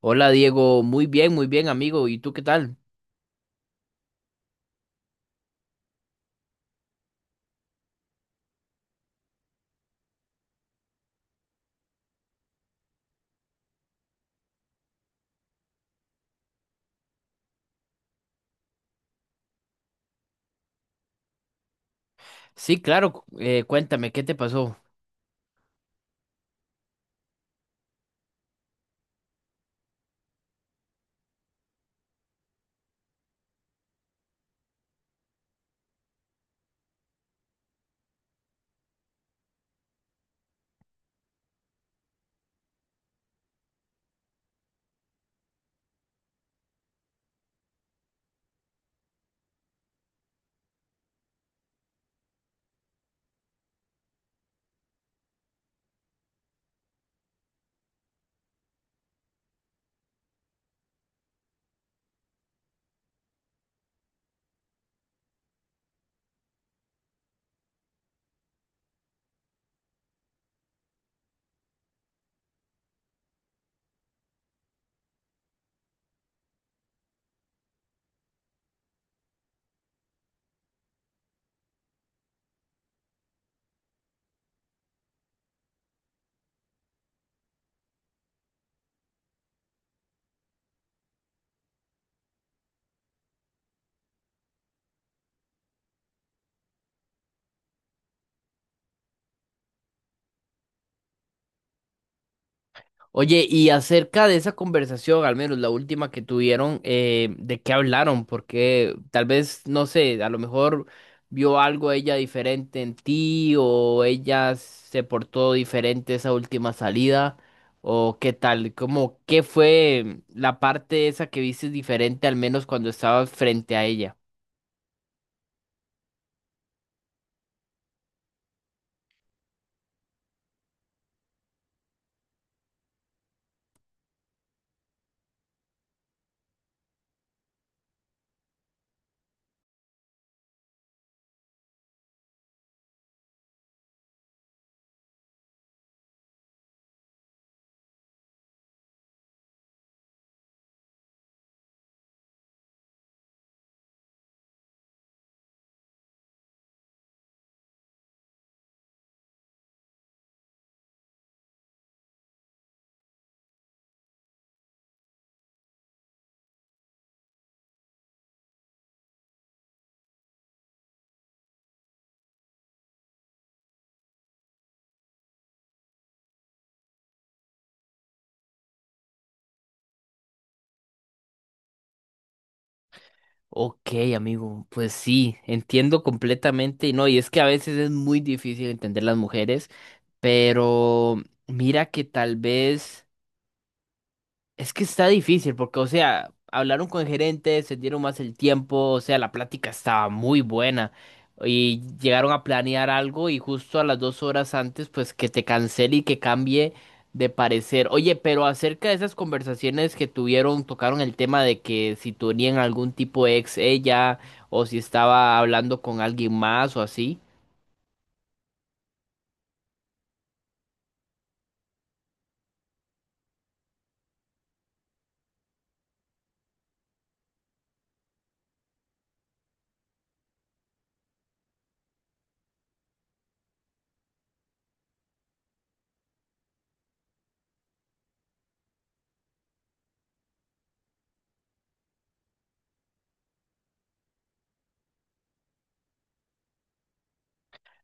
Hola Diego, muy bien amigo, ¿y tú qué tal? Sí, claro, cuéntame, ¿qué te pasó? Oye, y acerca de esa conversación, al menos la última que tuvieron, ¿de qué hablaron? Porque tal vez, no sé, a lo mejor vio algo ella diferente en ti o ella se portó diferente esa última salida o qué tal, ¿cómo qué fue la parte esa que viste diferente al menos cuando estabas frente a ella? Ok, amigo, pues sí, entiendo completamente, y no, y es que a veces es muy difícil entender las mujeres, pero mira que tal vez. Es que está difícil porque, o sea, hablaron con el gerente, se dieron más el tiempo, o sea, la plática estaba muy buena y llegaron a planear algo y justo a las 2 horas antes, pues que te cancele y que cambie de parecer. Oye, pero acerca de esas conversaciones que tuvieron, tocaron el tema de que si tenían algún tipo de ex ella o si estaba hablando con alguien más o así.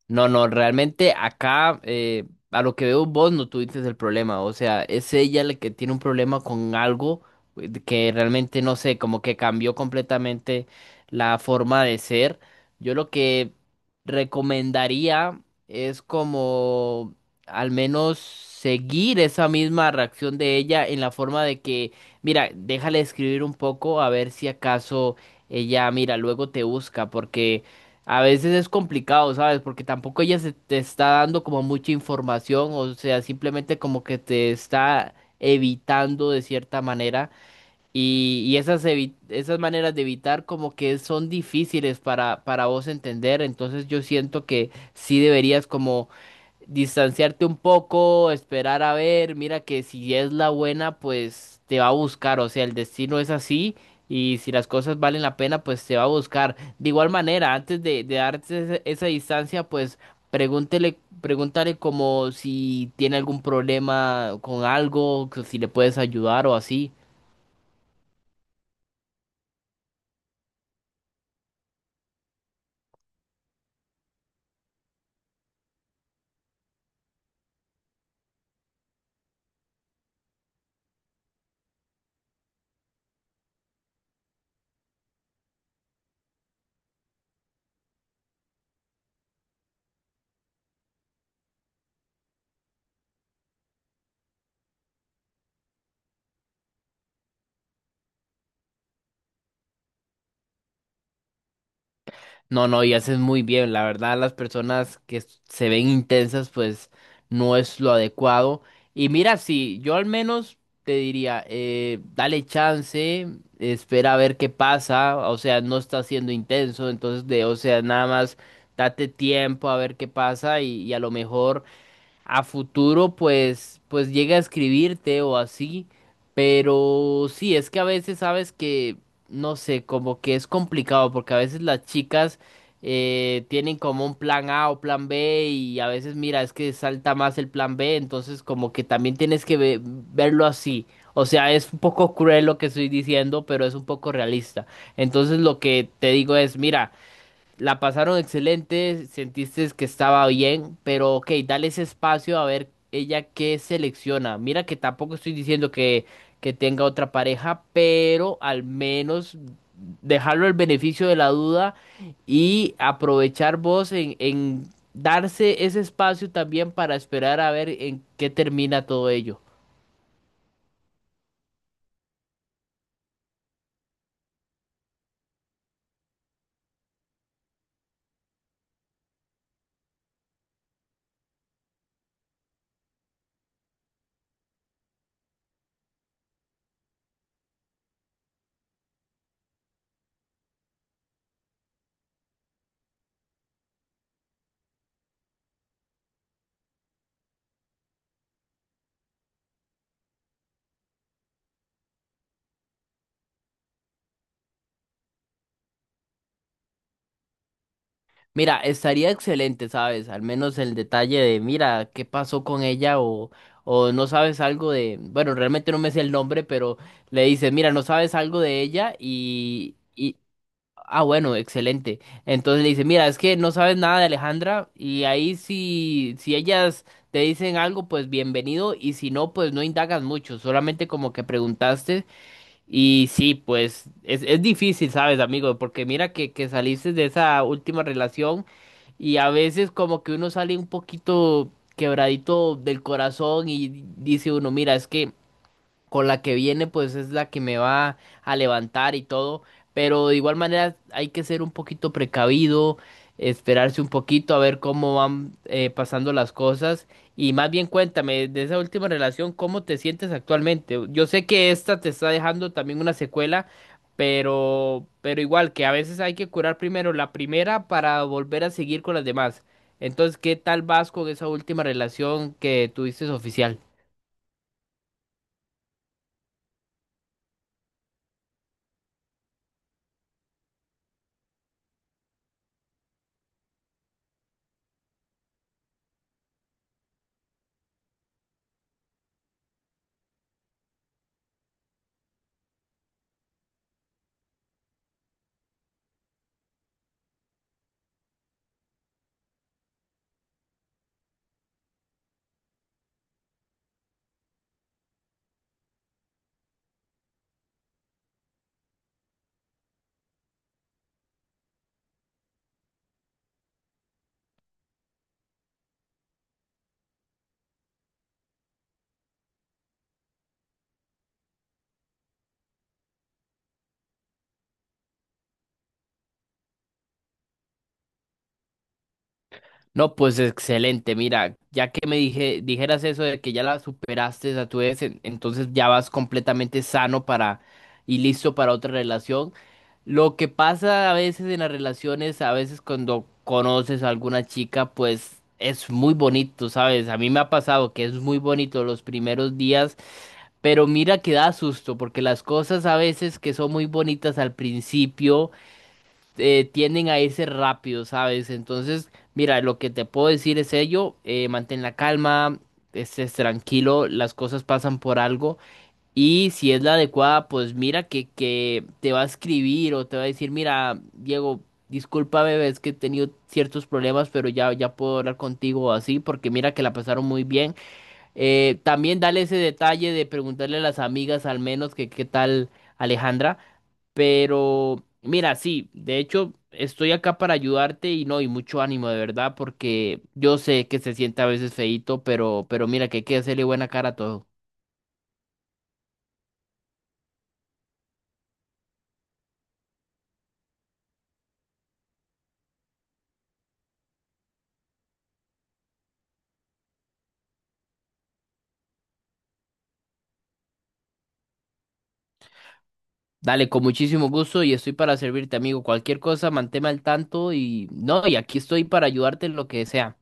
No, no, realmente acá, a lo que veo vos no tuviste el problema, o sea, es ella la que tiene un problema con algo de que realmente no sé, como que cambió completamente la forma de ser. Yo lo que recomendaría es como al menos seguir esa misma reacción de ella en la forma de que, mira, déjale escribir un poco a ver si acaso ella, mira, luego te busca, porque... A veces es complicado, ¿sabes? Porque tampoco ella se te está dando como mucha información, o sea, simplemente como que te está evitando de cierta manera. Y esas, esas maneras de evitar como que son difíciles para vos entender. Entonces yo siento que sí deberías como distanciarte un poco, esperar a ver, mira que si es la buena, pues te va a buscar, o sea, el destino es así y si las cosas valen la pena, pues te va a buscar. De igual manera, de darte esa distancia, pues pregúntale como si tiene algún problema con algo, que si le puedes ayudar o así. No, no, y haces muy bien. La verdad, las personas que se ven intensas, pues no es lo adecuado. Y mira, sí, yo al menos te diría, dale chance, espera a ver qué pasa. O sea, no está siendo intenso, entonces de, o sea, nada más date tiempo a ver qué pasa y a lo mejor a futuro pues llega a escribirte o así, pero sí, es que a veces sabes que no sé, como que es complicado porque a veces las chicas tienen como un plan A o plan B y a veces mira, es que salta más el plan B, entonces como que también tienes que verlo así. O sea, es un poco cruel lo que estoy diciendo, pero es un poco realista. Entonces lo que te digo es, mira, la pasaron excelente, sentiste que estaba bien, pero ok, dale ese espacio a ver ella qué selecciona. Mira que tampoco estoy diciendo que tenga otra pareja, pero al menos dejarlo al beneficio de la duda y aprovechar vos en darse ese espacio también para esperar a ver en qué termina todo ello. Mira, estaría excelente, ¿sabes? Al menos el detalle de, mira, qué pasó con ella o no sabes algo de, bueno, realmente no me sé el nombre, pero le dice, mira, no sabes algo de ella y ah, bueno, excelente. Entonces le dice, mira, es que no sabes nada de Alejandra y ahí si, si ellas te dicen algo, pues bienvenido y si no, pues no indagas mucho, solamente como que preguntaste y sí, pues es difícil, ¿sabes, amigo? Porque mira que saliste de esa última relación y a veces como que uno sale un poquito quebradito del corazón y dice uno, mira, es que con la que viene, pues es la que me va a levantar y todo. Pero de igual manera hay que ser un poquito precavido, esperarse un poquito a ver cómo van pasando las cosas. Y más bien cuéntame de esa última relación, ¿cómo te sientes actualmente? Yo sé que esta te está dejando también una secuela, pero igual que a veces hay que curar primero la primera para volver a seguir con las demás. Entonces, ¿qué tal vas con esa última relación que tuviste oficial? No, pues excelente. Mira, ya que me dijeras eso de que ya la superaste a tu vez, entonces ya vas completamente sano para y listo para otra relación. Lo que pasa a veces en las relaciones, a veces cuando conoces a alguna chica, pues es muy bonito, ¿sabes? A mí me ha pasado que es muy bonito los primeros días, pero mira que da susto, porque las cosas a veces que son muy bonitas al principio tienden a irse rápido, ¿sabes? Entonces, mira, lo que te puedo decir es ello, mantén la calma, estés tranquilo, las cosas pasan por algo y si es la adecuada, pues mira que te va a escribir o te va a decir, mira, Diego, discúlpame bebé, es que he tenido ciertos problemas, pero ya, ya puedo hablar contigo o así, porque mira que la pasaron muy bien. También dale ese detalle de preguntarle a las amigas al menos que qué tal Alejandra. Pero mira, sí, de hecho estoy acá para ayudarte y no, y mucho ánimo de verdad, porque yo sé que se siente a veces feíto, pero mira que hay que hacerle buena cara a todo. Dale, con muchísimo gusto y estoy para servirte, amigo. Cualquier cosa, manténme al tanto y no, y aquí estoy para ayudarte en lo que sea.